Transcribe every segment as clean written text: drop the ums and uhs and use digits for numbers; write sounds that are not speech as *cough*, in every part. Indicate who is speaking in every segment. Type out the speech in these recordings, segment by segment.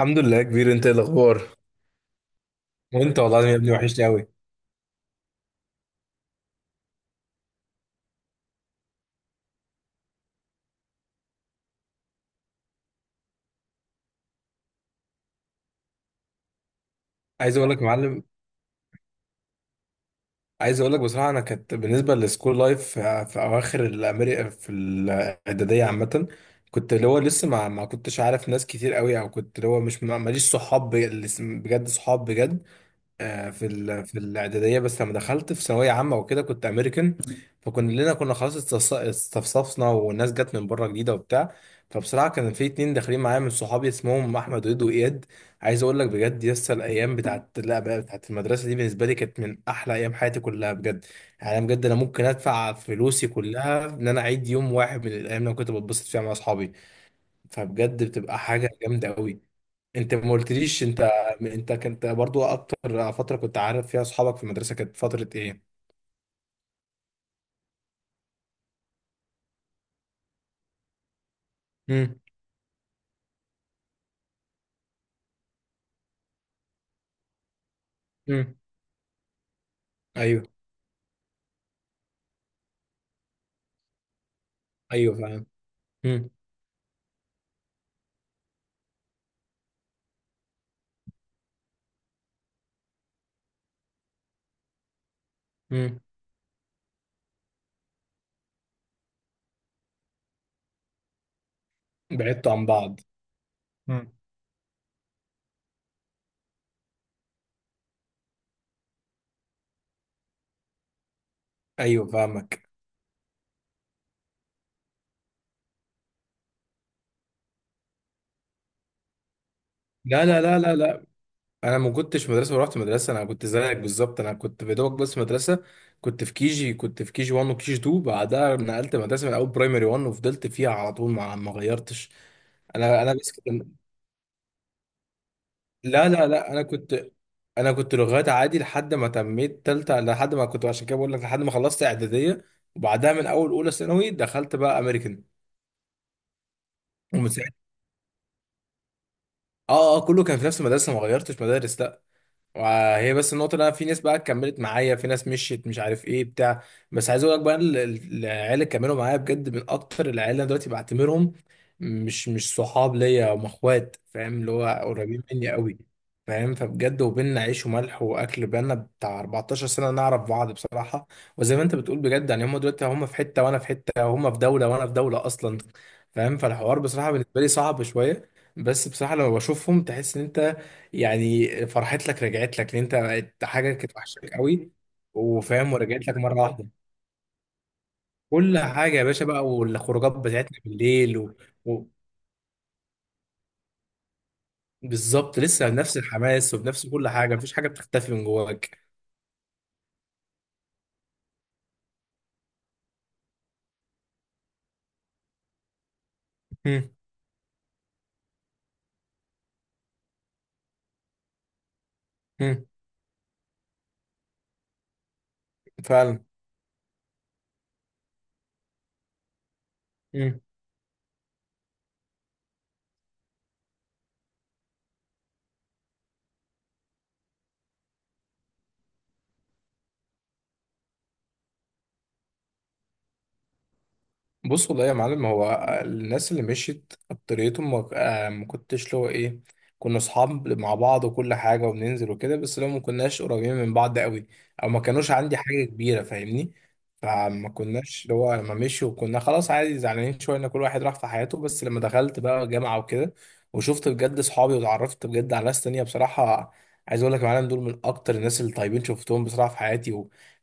Speaker 1: الحمد لله يا كبير، انت ايه الاخبار؟ وانت والله العظيم يا ابني وحشني قوي. عايز اقول لك يا معلم، عايز اقول لك بصراحه، انا كانت بالنسبه للسكول لايف في اواخر الامريكا في الاعداديه عامه كنت اللي هو لسه ما كنتش عارف ناس كتير قوي، او كنت اللي هو مش ماليش صحاب بجد صحاب بجد. في الاعداديه، بس لما دخلت في ثانويه عامه وكده كنت امريكان، فكلنا كنا خلاص استفصفنا والناس جت من بره جديده وبتاع. فبصراحه كان في اتنين داخلين معايا من صحابي اسمهم احمد وإيد واياد. عايز اقول لك بجد، يس الايام بتاعت لا بقى بتاعت المدرسه دي بالنسبه لي كانت من احلى ايام حياتي كلها بجد. يعني أنا بجد انا ممكن ادفع فلوسي كلها ان انا اعيد يوم واحد من الايام اللي أنا كنت بتبسط فيها مع اصحابي. فبجد بتبقى حاجه جامده قوي. انت ما قلتليش انت، انت كنت برضو اكتر فتره كنت عارف فيها اصحابك في المدرسه كانت فتره ايه؟ امم. امم. ايوه، ايوه فاهم. امم. امم. بعدتوا عن بعض. مم. ايوه فاهمك. لا لا لا لا لا، انا ما كنتش مدرسه ورحت مدرسه، انا كنت زيك بالظبط، انا كنت في دوبك بس مدرسه. كنت في كيجي، كنت في كيجي 1 وكيجي 2، بعدها نقلت مدرسه من اول برايمري 1 وفضلت فيها على طول، ما غيرتش. انا انا بس كنت لا لا لا، انا كنت، انا كنت لغات عادي لحد ما تميت تالتة، لحد ما كنت، عشان كده بقول لك، لحد ما خلصت اعدادية، وبعدها من اول اولى ثانوي دخلت بقى امريكان. ومن ساعتها اه اه كله كان في نفس المدرسة، ما غيرتش مدارس لا. وهي بس النقطة اللي أنا في ناس بقى كملت معايا، في ناس مشيت مش عارف إيه بتاع. بس عايز أقول لك بقى العيال اللي كملوا معايا بجد من أكتر العيال اللي أنا دلوقتي بعتبرهم مش صحاب ليا، هم إخوات، فاهم؟ اللي هو قريبين مني قوي. فاهم؟ فبجد وبيننا عيش وملح وأكل بقالنا بتاع 14 سنة نعرف بعض بصراحة. وزي ما أنت بتقول بجد، يعني هم دلوقتي هم في حتة وأنا في حتة، هم في دولة وأنا في دولة أصلا. فاهم؟ فالحوار بصراحة بالنسبة لي صعب شوية. بس بصراحة لما بشوفهم تحس إن أنت، يعني فرحت لك، رجعت لك، لان انت حاجه كانت وحشك قوي وفاهم، ورجعت لك مره واحده. كل حاجه يا باشا بقى، والخروجات بتاعتنا بالليل و... بالظبط لسه بنفس الحماس وبنفس كل حاجه، مفيش حاجه بتختفي من جواك. مم. مم. فعلا. بص والله يا معلم، هو الناس اللي مشيت اكتريتهم ما ما كنتش له ايه، كنا اصحاب مع بعض وكل حاجه وبننزل وكده، بس لو ما كناش قريبين من بعض قوي، او ما كانوش عندي حاجه كبيره، فاهمني؟ فما كناش اللي هو لما مشوا كنا خلاص عادي، زعلانين شويه ان كل واحد راح في حياته. بس لما دخلت بقى جامعه وكده وشفت بجد اصحابي واتعرفت بجد على ناس تانية بصراحه، عايز اقول لك يا معلم، دول من اكتر الناس اللي طيبين شفتهم بصراحه في حياتي.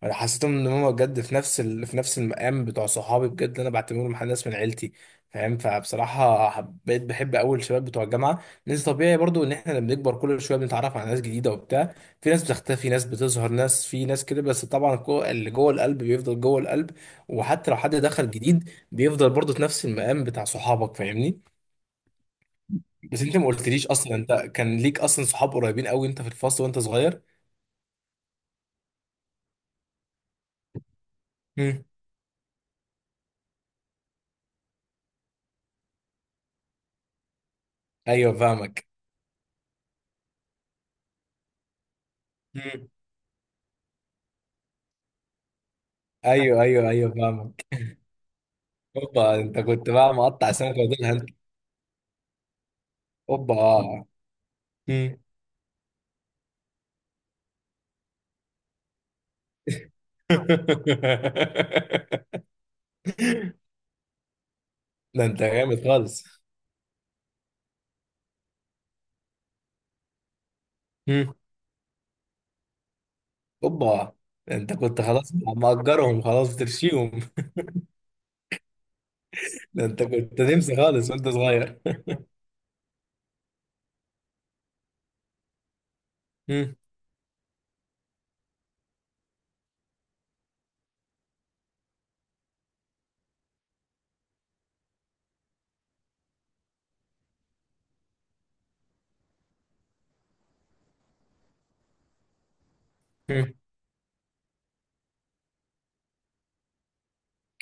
Speaker 1: انا حسيتهم ان هم بجد في نفس في نفس المقام بتوع صحابي، بجد انا بعتبرهم مع ناس من عيلتي. فاهم؟ فبصراحه بقيت بحب اول الشباب بتوع الجامعه، لان طبيعي برضو ان احنا لما بنكبر كل شويه بنتعرف على ناس جديده وبتاع. في ناس بتختفي، ناس بتظهر، ناس في ناس كده، بس طبعا اللي جوه القلب بيفضل جوه القلب، وحتى لو حد دخل جديد بيفضل برضو في نفس المقام بتاع صحابك، فاهمني؟ بس انت ما قلتليش، اصلا انت كان ليك اصلا صحاب قريبين قوي انت في الفصل وانت صغير؟ مم. ايوه فاهمك. مم. ايوه ايوه ايوه فاهمك. اوبا، انت كنت بقى مقطع سمكه وديلها انت! اوبا. مم. *laughs* ده انت جامد خالص! مم. اوبا، ده انت كنت خلاص مأجرهم، خلاص بترشيهم! *laughs* ده انت كنت نمسي خالص وانت صغير! مم. مم.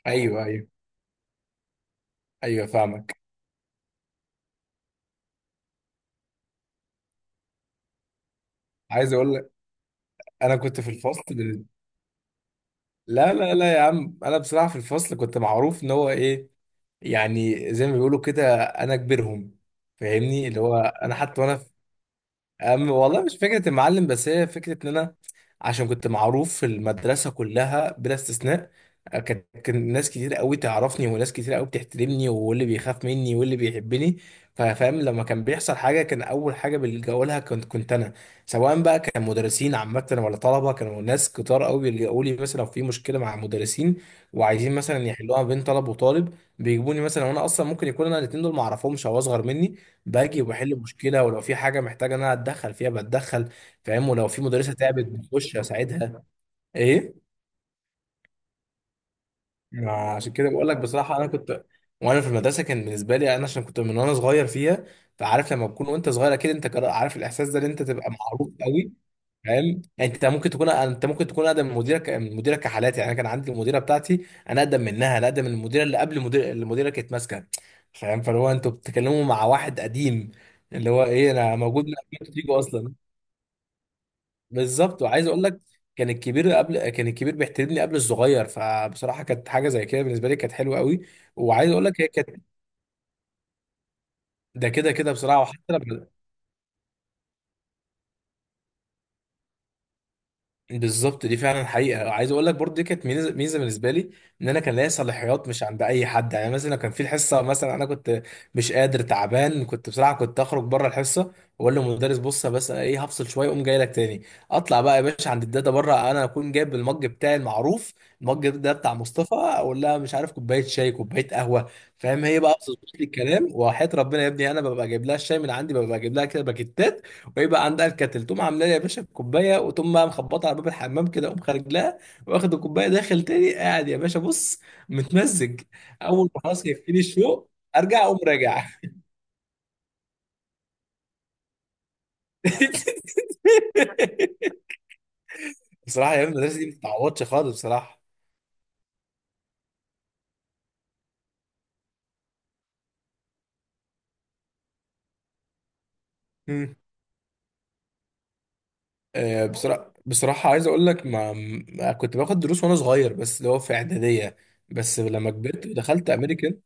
Speaker 1: ايوه ايوه ايوه فاهمك. عايز اقول لك، انا كنت في الفصل لا لا لا يا عم، انا بصراحه في الفصل كنت معروف ان هو ايه، يعني زي ما بيقولوا كده، انا كبيرهم، فاهمني؟ اللي هو انا حتى وانا، أم والله مش فكرة المعلم، بس هي فكرة إن أنا عشان كنت معروف في المدرسة كلها بلا استثناء. كانت كان ناس كتير قوي تعرفني، وناس كتير قوي بتحترمني، واللي بيخاف مني واللي بيحبني. فاهم؟ لما كان بيحصل حاجة كان أول حاجة بيلجأوا لها كنت أنا. سواء بقى كان مدرسين عامة ولا طلبة، كانوا ناس كتار قوي بيلجأوا لي مثلا لو في مشكلة مع مدرسين، وعايزين مثلا يحلوها بين طلب وطالب، بيجيبوني مثلا، وأنا أصلا ممكن يكون أنا الاتنين دول معرفهمش أو أصغر مني. باجي وبحل مشكله، ولو في حاجه محتاجه ان انا اتدخل فيها بتدخل، فاهم؟ ولو في مدرسه تعبت بخش اساعدها. ايه؟ ما عشان كده بقول لك بصراحه، انا كنت وانا في المدرسه كان بالنسبه لي انا عشان كنت من وانا صغير فيها، فعارف لما تكون وانت صغير، اكيد انت عارف الاحساس ده ان انت تبقى معروف قوي. فاهم؟ يعني انت ممكن تكون، انت ممكن تكون اقدم من مديرك، من مديرك كحالات. يعني انا كان عندي المديره بتاعتي انا اقدم منها، انا اقدم من المديره اللي قبل المدير اللي مديرك كانت ماسكه. فاهم؟ فاللي هو انتوا بتتكلموا مع واحد قديم، اللي هو ايه انا موجود من قبل ما انتوا تيجوا اصلا. بالظبط، وعايز اقول لك، كان الكبير قبل، كان الكبير بيحترمني قبل الصغير، فبصراحه كانت حاجه زي كده بالنسبه لي كانت حلوه قوي. وعايز اقول لك هي كانت، ده كده كده بصراحه، وحتى لما، بالظبط، دي فعلا حقيقه. عايز اقول لك برضه دي كانت ميزه، ميزة بالنسبه لي ان انا كان ليا صلاحيات مش عند اي حد. يعني مثلا لو كان في الحصه مثلا انا كنت مش قادر، تعبان، كنت بصراحه كنت اخرج بره الحصه واقول للمدرس بص، بس أنا ايه، هفصل شويه اقوم جاي لك تاني. اطلع بقى يا باشا عند الداتا بره، انا اكون جايب المج بتاعي المعروف. المج ده بتاع مصطفى، اقول لها مش عارف كوبايه شاي كوبايه قهوه، فاهم؟ هي بقى بتظبط لي الكلام وحياه ربنا يا ابني، انا ببقى جايب لها الشاي من عندي، ببقى جايب لها كده باكيتات، ويبقى عندها الكاتل، تقوم عامله لي يا باشا الكوبايه، وتقوم بقى مخبطه على باب الحمام كده، اقوم خارج لها واخد الكوبايه داخل تاني، قاعد يا باشا بص متمزج. اول ما خلاص يكفيني الشوق ارجع اقوم راجع. *laughs* بصراحه ايام المدرسه دي ما بتتعوضش خالص بصراحه. مم. بصراحه عايز اقول لك، كنت باخد دروس وانا صغير بس اللي هو في اعداديه، بس لما كبرت ودخلت امريكان،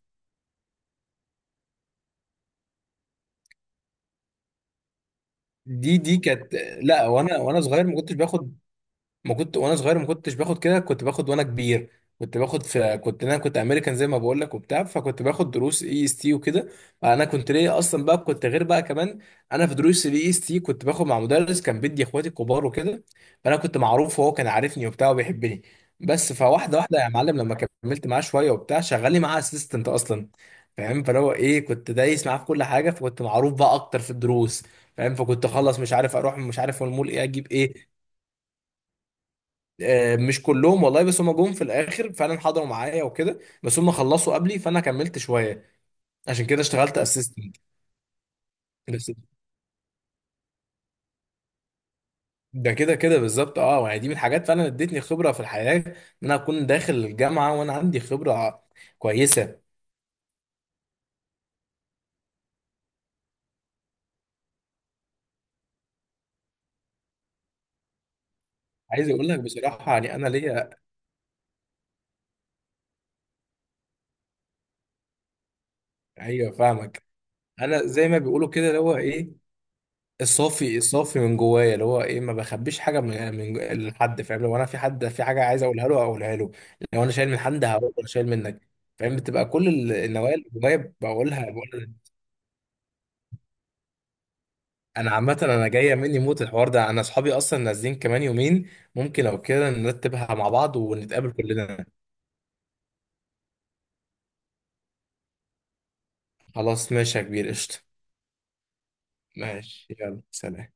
Speaker 1: دي دي كانت لا، وانا صغير ما كنتش باخد، ما كنت وانا صغير ما كنتش باخد كده، كنت باخد وانا كبير. كنت باخد في، كنت انا كنت امريكان زي ما بقول لك وبتاع، فكنت باخد دروس اي اس تي وكده. انا كنت ليا اصلا بقى كنت غير بقى كمان. انا في دروس الاي اس تي كنت باخد مع مدرس كان بيدي اخواتي الكبار وكده، فانا كنت معروف وهو كان عارفني وبتاع وبيحبني. بس فواحده واحده يا معلم، لما كملت معاه شويه وبتاع شغالي معاه اسيستنت اصلا، فاهم؟ فلو ايه، كنت دايس معاه في كل حاجه، فكنت معروف بقى اكتر في الدروس. فاهم؟ فكنت اخلص مش عارف اروح، مش عارف المول، ايه اجيب ايه. مش كلهم والله، بس هم جم في الاخر فعلا حضروا معايا وكده، بس هم خلصوا قبلي فانا كملت شويه، عشان كده اشتغلت اسيستنت. بس، ده كده كده بالظبط. اه يعني دي من الحاجات فعلا ادتني خبره في الحياه، ان انا اكون داخل الجامعه وانا عندي خبره كويسه. عايز اقول لك بصراحه يعني انا ليا، ايوه فاهمك. انا زي ما بيقولوا كده اللي هو ايه، الصافي، الصافي من جوايا، اللي هو ايه ما بخبيش حاجه من يعني لحد، فاهم؟ لو انا في حد في حاجه عايز اقولها له اقولها له، لو انا شايل من حد هقول انا شايل منك. فاهم؟ بتبقى كل النوايا اللي جوايا بقولها بقول. انا عامه انا جايه مني موت الحوار ده، انا اصحابي اصلا نازلين كمان يومين، ممكن لو كده نرتبها مع بعض ونتقابل كلنا. خلاص ماشي يا كبير، قشطه. ماشي يلا سلام.